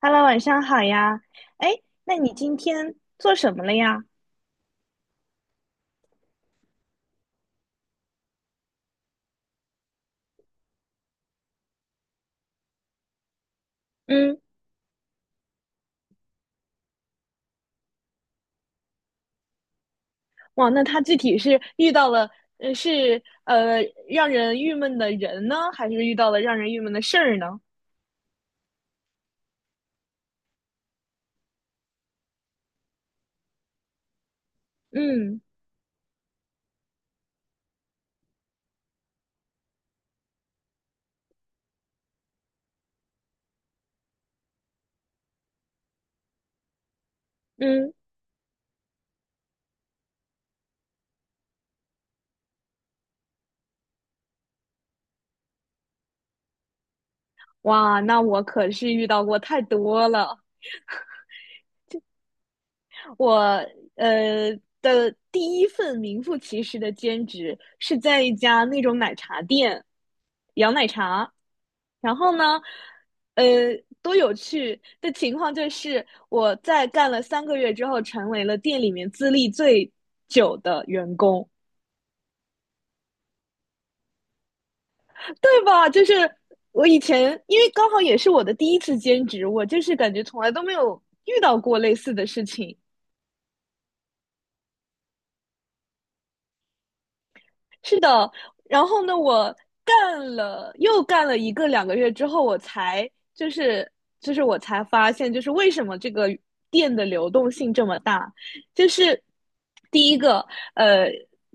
Hello，晚上好呀。哎，那你今天做什么了呀？嗯。哇，那他具体是遇到了，呃，是呃让人郁闷的人呢，还是遇到了让人郁闷的事儿呢？嗯嗯。哇，那我可是遇到过太多了。我呃的第一份名副其实的兼职是在一家那种奶茶店摇奶茶。然后呢，呃，多有趣的情况就是我在干了3个月之后，成为了店里面资历最久的员工，对吧？就是我以前因为刚好也是我的第一次兼职，我就是感觉从来都没有遇到过类似的事情。是的。然后呢，我干了又干了一个两个月之后，我才就是我才发现，就是为什么这个店的流动性这么大。就是第一个呃，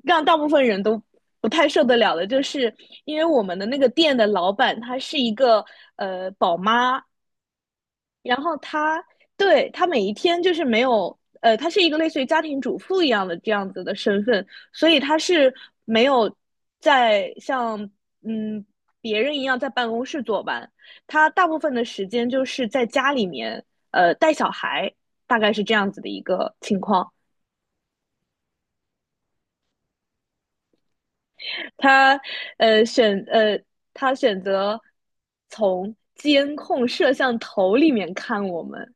让大部分人都不太受得了的，就是因为我们的那个店的老板她是一个宝妈。然后他，对，他每一天就是没有，他是一个类似于家庭主妇一样的这样子的身份，所以他是没有在像嗯别人一样在办公室坐班，他大部分的时间就是在家里面，带小孩，大概是这样子的一个情况。他呃选呃他选择从监控摄像头里面看我们。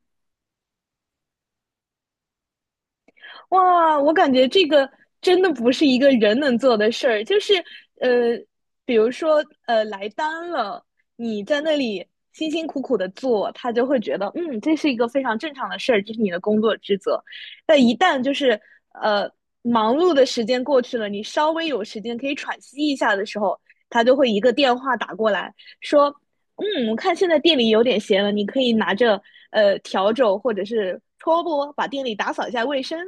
哇，我感觉这个真的不是一个人能做的事儿，就是呃，比如说来单了，你在那里辛辛苦苦的做，他就会觉得嗯，这是一个非常正常的事儿，这是你的工作职责。但一旦就是呃忙碌的时间过去了，你稍微有时间可以喘息一下的时候，他就会一个电话打过来说，嗯，我看现在店里有点闲了，你可以拿着笤帚或者是拖布把店里打扫一下卫生。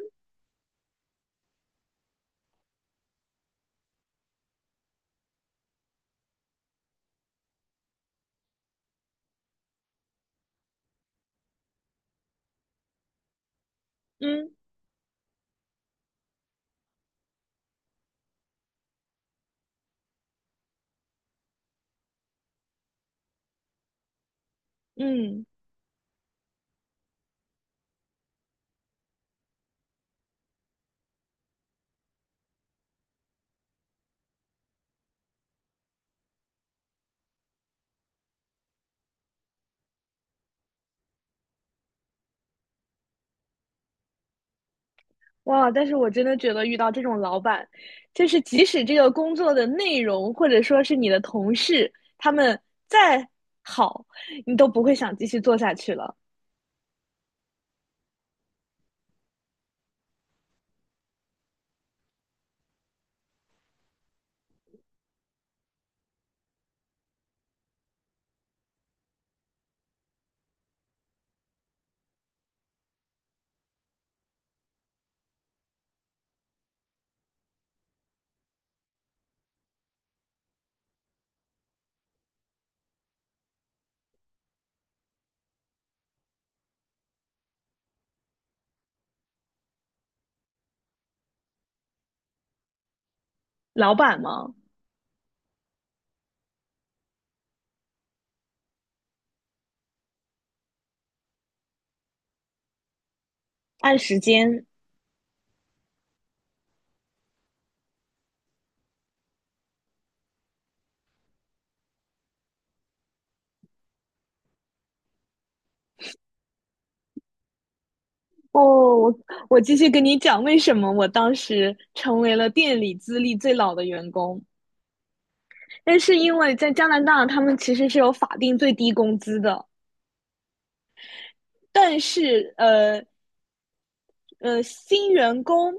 嗯嗯。哇！但是我真的觉得遇到这种老板，就是即使这个工作的内容或者说是你的同事，他们再好，你都不会想继续做下去了。老板嘛，按时间。哦，我我继续跟你讲为什么我当时成为了店里资历最老的员工。但是因为在加拿大，他们其实是有法定最低工资的。但是新员工，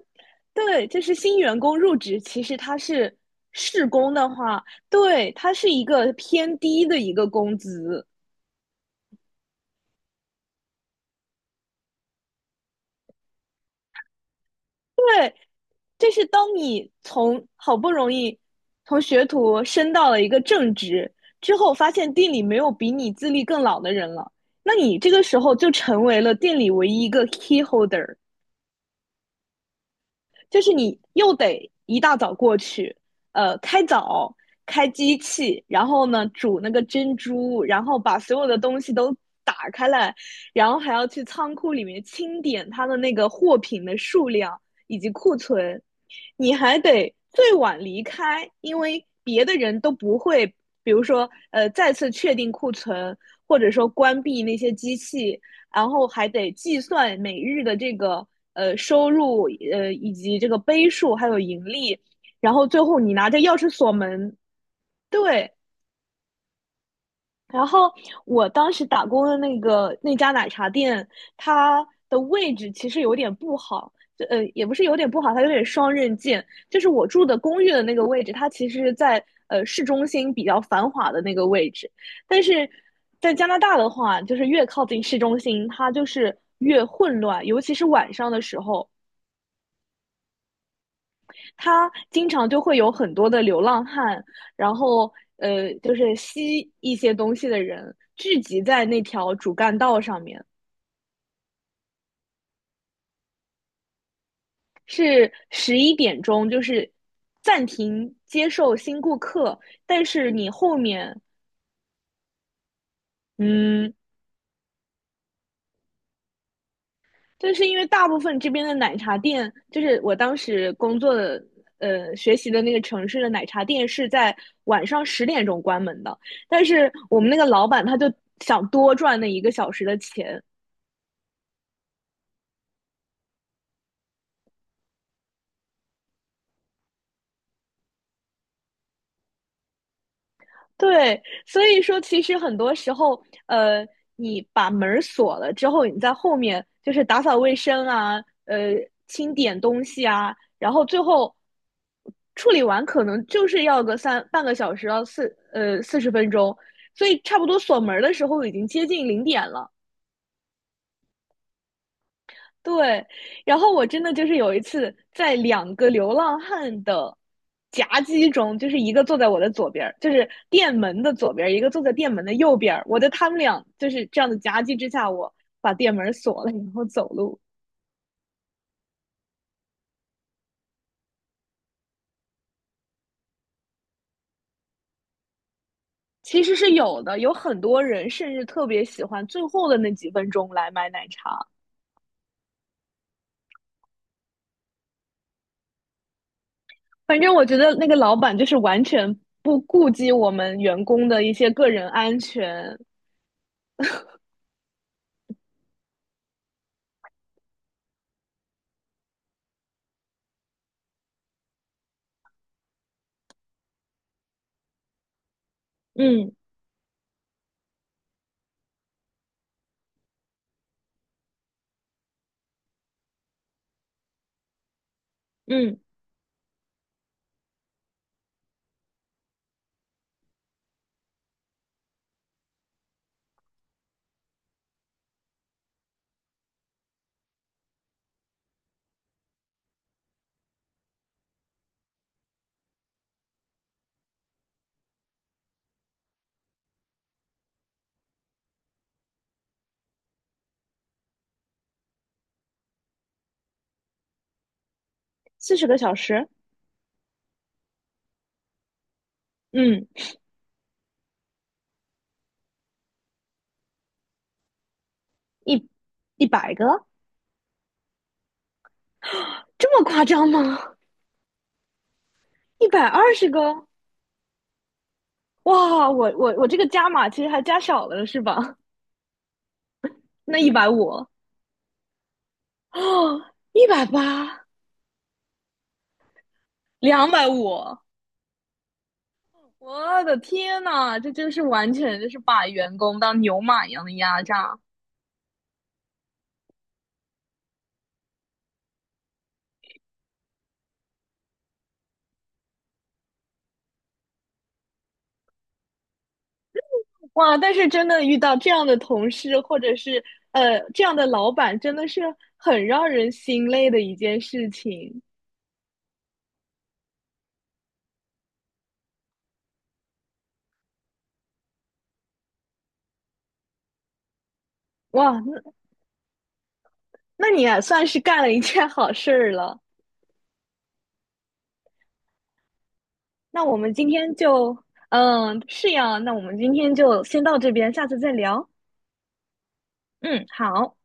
对，就是新员工入职，其实它是试工的话，对，它是一个偏低的一个工资。这是当你从好不容易从学徒升到了一个正职之后，发现店里没有比你资历更老的人了，那你这个时候就成为了店里唯一一个 key holder。就是你又得一大早过去，呃，开早开机器，然后呢煮那个珍珠，然后把所有的东西都打开来，然后还要去仓库里面清点它的那个货品的数量以及库存。你还得最晚离开，因为别的人都不会，比如说再次确定库存，或者说关闭那些机器，然后还得计算每日的这个收入，以及这个杯数还有盈利，然后最后你拿着钥匙锁门。对，然后我当时打工的那个那家奶茶店，它的位置其实有点不好，就也不是有点不好，它有点双刃剑。就是我住的公寓的那个位置，它其实是在市中心比较繁华的那个位置，但是在加拿大的话，就是越靠近市中心，它就是越混乱，尤其是晚上的时候。它经常就会有很多的流浪汉，然后就是吸一些东西的人聚集在那条主干道上面。是11点钟，就是暂停接受新顾客，但是你后面，嗯，就是因为大部分这边的奶茶店，就是我当时工作的。学习的那个城市的奶茶店是在晚上10点钟关门的，但是我们那个老板他就想多赚那1个小时的钱。对，所以说其实很多时候，你把门儿锁了之后，你在后面就是打扫卫生啊，呃，清点东西啊，然后最后处理完，可能就是要个三半个小时到40分钟，所以差不多锁门儿的时候已经接近零点了。对，然后我真的就是有一次在两个流浪汉的夹击中，就是一个坐在我的左边儿，就是店门的左边儿，一个坐在店门的右边儿。我在他们俩就是这样的夹击之下，我把店门锁了，然后走路。其实是有的，有很多人甚至特别喜欢最后的那几分钟来买奶茶。反正我觉得那个老板就是完全不顾及我们员工的一些个人安全。嗯嗯，40个小时，嗯。一一百个，这么夸张吗？120个？哇，我这个加码其实还加少了是吧？那150啊，180，250，我的天呐，这就是完全就是把员工当牛马一样的压榨。哇！但是真的遇到这样的同事或者是这样的老板，真的是很让人心累的一件事情。哇！那你也算是干了一件好事儿了。那我们今天就，嗯，是呀，那我们今天就先到这边，下次再聊。嗯，好。